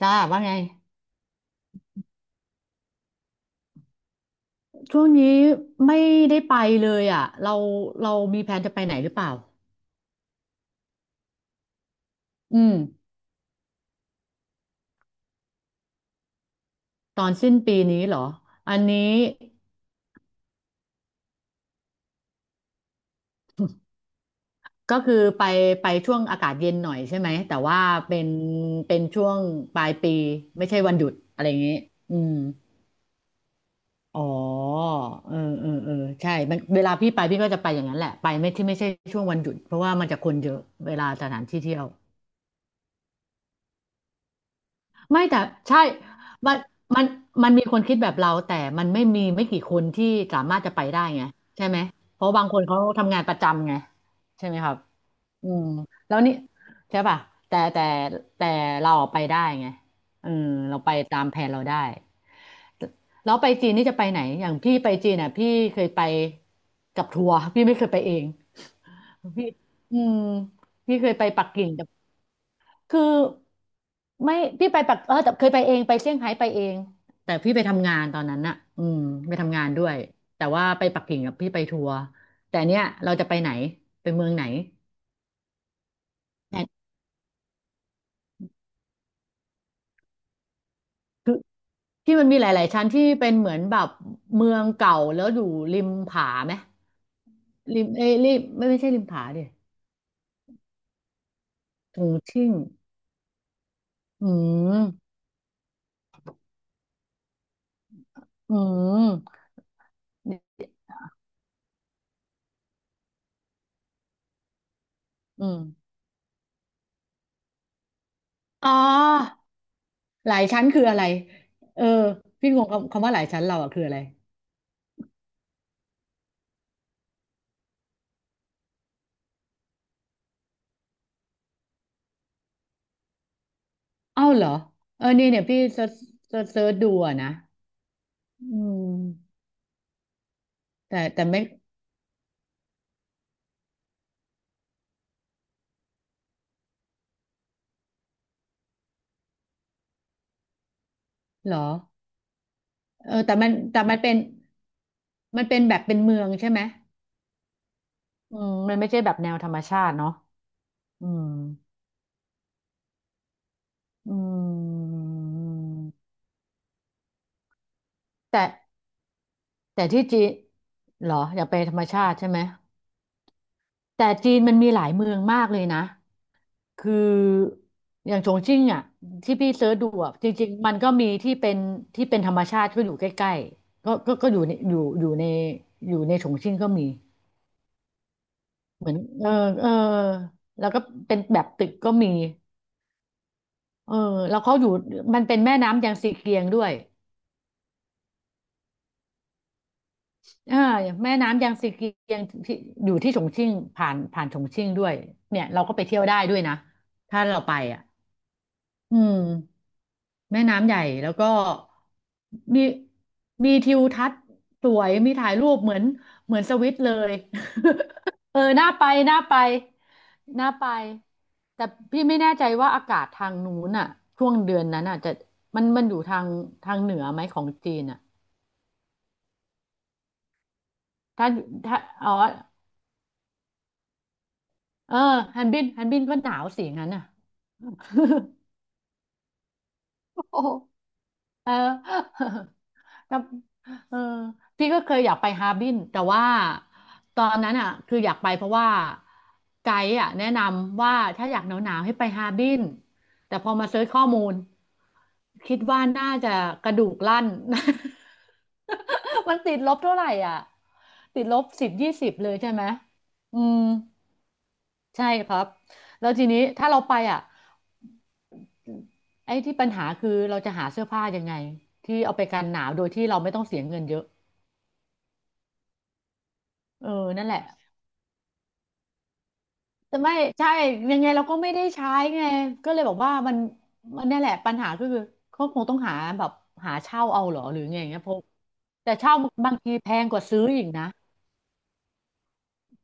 จ้าว่าไงช่วงนี้ไม่ได้ไปเลยอ่ะเราเรามีแผนจะไปไหนหรือเปล่าอืมตอนสิ้นปีนี้เหรออันนี้ก็คือไปไปช่วงอากาศเย็นหน่อยใช่ไหมแต่ว่าเป็นเป็นช่วงปลายปีไม่ใช่วันหยุดอะไรอย่างนี้อืมอ๋อเออเออเออใช่มันเวลาพี่ไปพี่ก็จะไปอย่างนั้นแหละไปไม่ที่ไม่ใช่ช่วงวันหยุดเพราะว่ามันจะคนเยอะเวลาสถานที่เที่ยว ไม่แต่ใช่มันมันมันมีคนคิดแบบเราแต่มันไม่มีไม่กี่คนที่สามารถจะไปได้ไงใช่ไหมเพราะบางคนเขาทำงานประจำไงใช่ไหมครับอืมแล้วนี่ใช่ป่ะแต่แต่แต่เราอะไปได้ไงเออเราไปตามแผนเราได้แล้วไปจีนนี่จะไปไหนอย่างพี่ไปจีนอ่ะพี่เคยไปกับทัวร์พี่ไม่เคยไปเองพี่อืมพี่เคยไปปักกิ่ง คือไม่พี่ไปปักเออแต่เคยไปเองไปเซี่ยงไฮ้ไปเองแต่พี่ไปทำงานตอนนั้นน่ะอืมไปทำงานด้วยแต่ว่าไปปักกิ่งกับพี่ไปทัวร์แต่เนี้ยเราจะไปไหนไปเมืองไหนแต่คือที่มันมีหลายๆชั้นที่เป็นเหมือนแบบเมืองเก่าแล้วอยู่ริมผาไหมริมเอ้ยริมไม่ใช่ริมผาดิตรงชิ่งอืมอืมอืมอ๋อหลายชั้นคืออะไรเออพี่งงคำคำว่าหลายชั้นเราอะคืออะไร เอ้าเหรอเออนี่เนี่ยพี่เซิร์ชเซิร์ชดูอะนะอืมแต่ไม่เหรอเออแต่มันแต่มันเป็นมันเป็นแบบเป็นเมืองใช่ไหมอืมมันไม่ใช่แบบแนวธรรมชาติเนาะอืมอืมแต่แต่ที่จีนเหรออยากไปธรรมชาติใช่ไหมแต่จีนมันมีหลายเมืองมากเลยนะ คืออย่างชงชิ่งอ่ะที่พี่เซิร์ชดูอ่ะจริงๆมันก็มีที่เป็นธรรมชาติก็อยู่ใกล้ๆก็อยู่ในอยู่ในชงชิ่งก็มีเหมือนเออเออแล้วก็เป็นแบบตึกก็มีเออแล้วเขาอยู่มันเป็นแม่น้ำยางซีเกียงด้วยอ่าแม่น้ำยางซีเกียงที่อยู่ที่ฉงชิ่งผ่านฉงชิ่งด้วยเนี่ยเราก็ไปเที่ยวได้ด้วยนะถ้าเราไปอ่ะอืม แม่น้ำใหญ่แล้วก็มีมีทิวทัศน์สวยมีถ่ายรูปเหมือนเหมือนสวิตเลย เออน่าไปน่าไปน่าไปแต่พี่ไม่แน่ใจว่าอากาศทางนู้นอ่ะช่วงเดือนนั้นอ่ะจะมันอยู่ทางทางเหนือไหมของจีนอ่ะถ้าถ้าอ๋อเออฮันบินฮันบินก็หนาวสิงั้นอ่ะ โอ้เออ แล้วเออพี่ก็เคยอยากไปฮาร์บินแต่ว่าตอนนั้นอ่ะคืออยากไปเพราะว่าไกด์อ่ะแนะนำว่าถ้าอยากหนาวๆให้ไปฮาร์บินแต่พอมาเซิร์ชข้อมูลคิดว่าน่าจะกระดูกลั่น มันติดลบเท่าไหร่อ่ะติดลบสิบยี่สิบเลยใช่ไหมอืมใช่ครับแล้วทีนี้ถ้าเราไปอ่ะไอ้ที่ปัญหาคือเราจะหาเสื้อผ้ายังไงที่เอาไปกันหนาวโดยที่เราไม่ต้องเสียเงินเยอะเออนั่นแหละ แต่ไม่ใช่ยังไงเราก็ไม่ได้ใช้ไงก็เลยบอกว่ามันมันเนี่ยแหละปัญหาก็คือเขาคงต้องหาแบบหาเช่าเอาเหรอหรือไงเงี้ยเพราะแต่เช่าบางทีแพงกว่าซื้ออีกนะ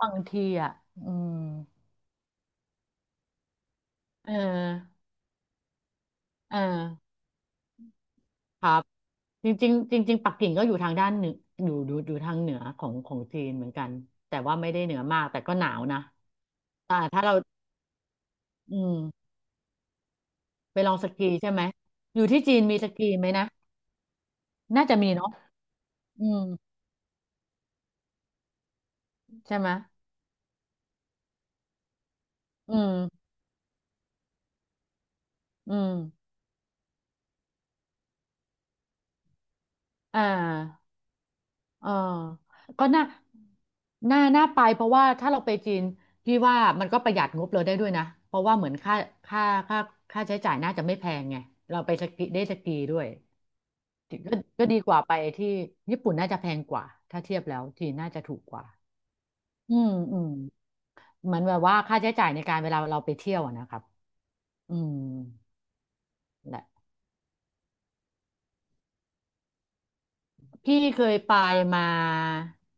บางทีอ่ะอืมเออเออครับจริงๆจริงๆปักกิ่งก็อยู่ทางด้านเหนืออยู่ทางเหนือของของจีนเหมือนกันแต่ว่าไม่ได้เหนือมากแต่ก็หนาวนะอ่าถ้าเราอืมไปลองสกีใช่ไหมอยู่ที่จีนมีสกีไหมนะน่าจะมีเนาะอืมใช่ไหม อืม อืมอ่าอ่าก็น่าน่าน่าไปเพราะว่าถ้าเราไปจีนพี่ว่ามันก็ประหยัดงบเราได้ด้วยนะเพราะว่าเหมือนค่าค่าค่าค่าใช้จ่ายน่าจะไม่แพงไงเราไปสกีได้สกีด้วยก็ก็ดีกว่าไปที่ญี่ปุ่นน่าจะแพงกว่าถ้าเทียบแล้วจีนน่าจะถูกกว่าอืมอืมเหมือนแบบว่าค่าใช้จ่ายในการเวลาเราไปเที่ยวอะนะครับอืม พี่เคยไปมา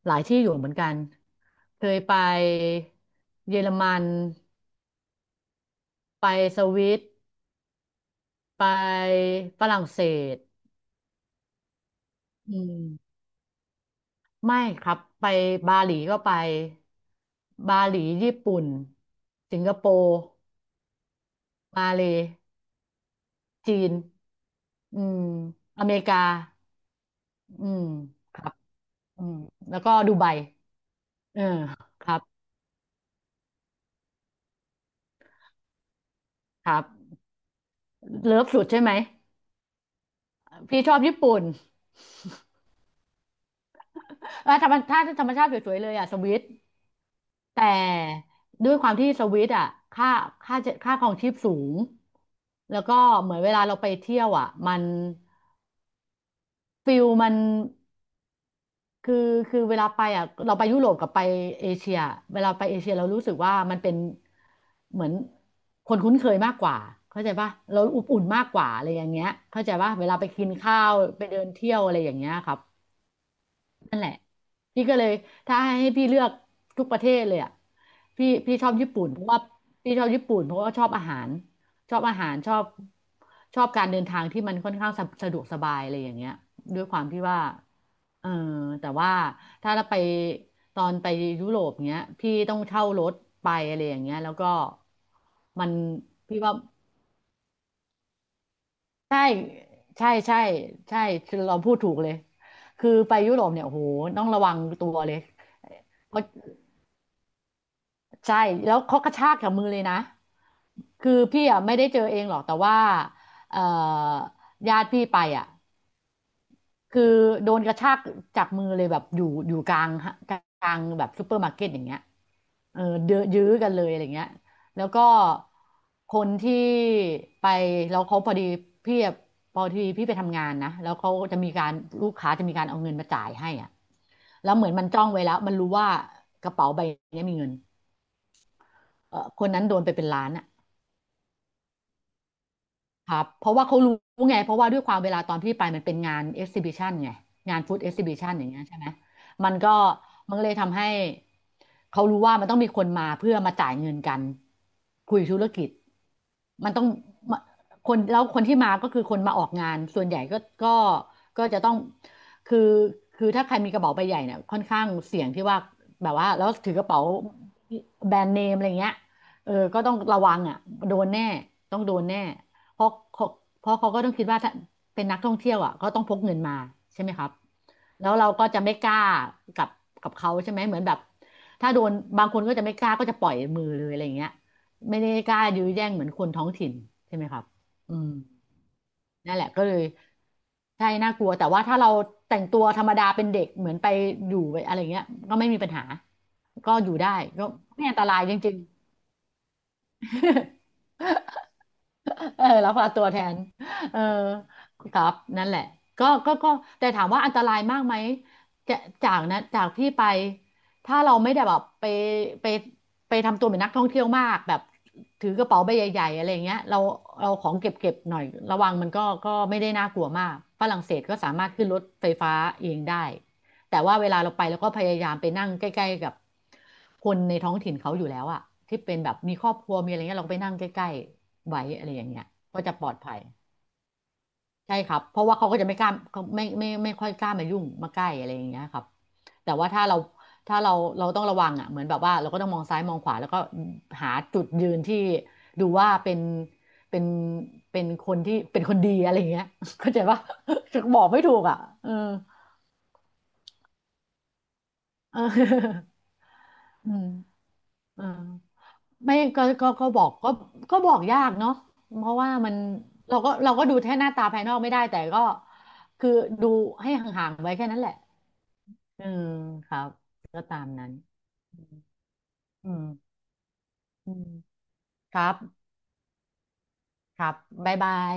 หลายที่อยู่เหมือนกันเคยไปเยอรมันไปสวิตไปฝรั่งเศสอืมไม่ครับไปบาหลีก็ไปบาหลีญี่ปุ่นสิงคโปร์มาเลย์จีนอืมอเมริกาอืมครับอืมแล้วก็ดูไบเออครับครับเลิฟสุดใช่ไหมพี่ชอบญี่ปุ่น เออธรรมชาติสวยๆเลยอ่ะสวิตแต่ด้วยความที่สวิตอ่ะค่าค่าครองชีพสูงแล้วก็เหมือนเวลาเราไปเที่ยวอ่ะมันฟิลมันคือคือเวลาไปอ่ะเราไปยุโรปกับไปเอเชียเวลาไปเอเชียเรารู้สึกว่ามันเป็นเหมือนคนคุ้นเคยมากกว่าเข้าใจป่ะเราอบอุ่นมากกว่าอะไรอย่างเงี้ยเข้าใจป่ะเวลาไปกินข้าวไปเดินเที่ยวอะไรอย่างเงี้ยครับ นั่นแหละพี่ก็เลยถ้าให้พี่เลือกทุกประเทศเลยอ่ะพี่ชอบญี่ปุ่นเพราะว่าพี่ชอบญี่ปุ่นเพราะว่าชอบอาหารชอบอาหารชอบชอบการเดินทางที่มันค่อนข้างสะดวกสบายอะไรอย่างเงี้ยด้วยความที่ว่าเออแต่ว่าถ้าเราไปตอนไปยุโรปเงี้ยพี่ต้องเช่ารถไปอะไรอย่างเงี้ยแล้วก็มันพี่ว่าใช่ใช่ใช่ใช่เราพูดถูกเลยคือไปยุโรปเนี่ยโอ้โหต้องระวังตัวเลย ใช่แล้วเขากระชากจากมือเลยนะ คือพี่อ่ะไม่ได้เจอเองหรอกแต่ว่าเอ่อญาติพี่ไปอ่ะคือโดนกระชากจากมือเลยแบบอยู่กลางแบบซูเปอร์มาร์เก็ตอย่างเงี้ยเออเดือยื้อกันเลยอะไรเงี้ยแล้วก็คนที่ไปแล้วเขาพอดีพี่อะพอดีพี่ไปทำงานนะแล้วเขาจะมีการลูกค้าจะมีการเอาเงินมาจ่ายให้อ่ะแล้วเหมือนมันจ้องไว้แล้วมันรู้ว่ากระเป๋าใบเนี้ยมีเงินเออคนนั้นโดนไปเป็นล้านอ่ะ ครับเพราะว่าเขารู้ไงเพราะว่าด้วยความเวลาตอนพี่ไปมันเป็นงานเอ็กซิบิชันไงงานฟู้ดเอ็กซิบิชันอย่างเงี้ยใช่ไหมมันก็มันก็เลยทำให้เขารู้ว่ามันต้องมีคนมาเพื่อมาจ่ายเงินกันคุยธุรกิจมันต้องมาคนแล้วคนที่มาก็คือคนมาออกงานส่วนใหญ่ก็ก็จะต้องคือคือถ้าใครมีกระเป๋าใบใหญ่เนี่ยค่อนข้างเสี่ยงที่ว่าแบบว่าแล้วถือกระเป๋าแบรนด์เนมอะไรเงี้ยเออก็ต้องระวังอ่ะโดนแน่ต้องโดนแน่ เพราะเขาเพราะเขาก็ต้องคิดว่าถ้าเป็นนักท่องเที่ยวอ่ะก็ต้องพกเงินมาใช่ไหมครับแล้วเราก็จะไม่กล้ากับกับเขาใช่ไหมเหมือนแบบถ้าโดนบางคนก็จะไม่กล้าก็จะปล่อยมือเลยอะไรอย่างเงี้ยไม่ได้กล้ายื้อแย่งเหมือนคนท้องถิ่นใช่ไหมครับอืมนั่นแหละก็เลยใช่น่ากลัวแต่ว่าถ้าเราแต่งตัวธรรมดาเป็นเด็กเหมือนไปอยู่อะไรเงี้ยก็ไม่มีปัญหาก็อยู่ได้ก็ไม่อันตรายจริงๆ เออรับฝาตัวแทนเออครับนั่นแหละก็แต่ถามว่าอันตรายมากไหมจะจากนะจากที่ไปถ้าเราไม่ได้แบบไปไปทำตัวเป็นนักท่องเที่ยวมากแบบถือกระเป๋าใบใหญ่ๆอะไรอย่างเงี้ยเราของเก็บหน่อยระวังมันก็ไม่ได้น่ากลัวมากฝรั่งเศสก็สามารถขึ้นรถไฟฟ้าเองได้แต่ว่าเวลาเราไปเราก็พยายามไปนั่งใกล้ๆกับคนในท้องถิ่นเขาอยู่แล้วอะที่เป็นแบบมีครอบครัวมีอะไรเงี้ยเราก็ไปนั่งใกล้ๆ ไว้อะไรอย่างเงี้ยก็จะปลอดภัยใช่ครับเพราะว่าเขาก็จะไม่กล้าเขาไม่ค่อยกล้ามายุ่งมาใกล้อะไรอย่างเงี้ยครับแต่ว่าถ้าเราเราต้องระวังอ่ะเหมือนแบบว่าเราก็ต้องมองซ้ายมองขวาแล้วก็หาจุดยืนที่ดูว่าเป็นเป็นคนที่เป็นคนดีอะไรอย่างเงี้ยเข้าใจปะ บอกไม่ถูกอ่ะเออเออ อืมเออ ไม่ก็บอกก็ก็บอกยากเนาะเพราะว่ามันเราก็ดูแค่หน้าตาภายนอกไม่ได้แต่ก็คือดูให้ห่างๆไว้แค่นั้นแหละอืมครับก็ตามนั้นอืมอืมครับครับบ๊ายบาย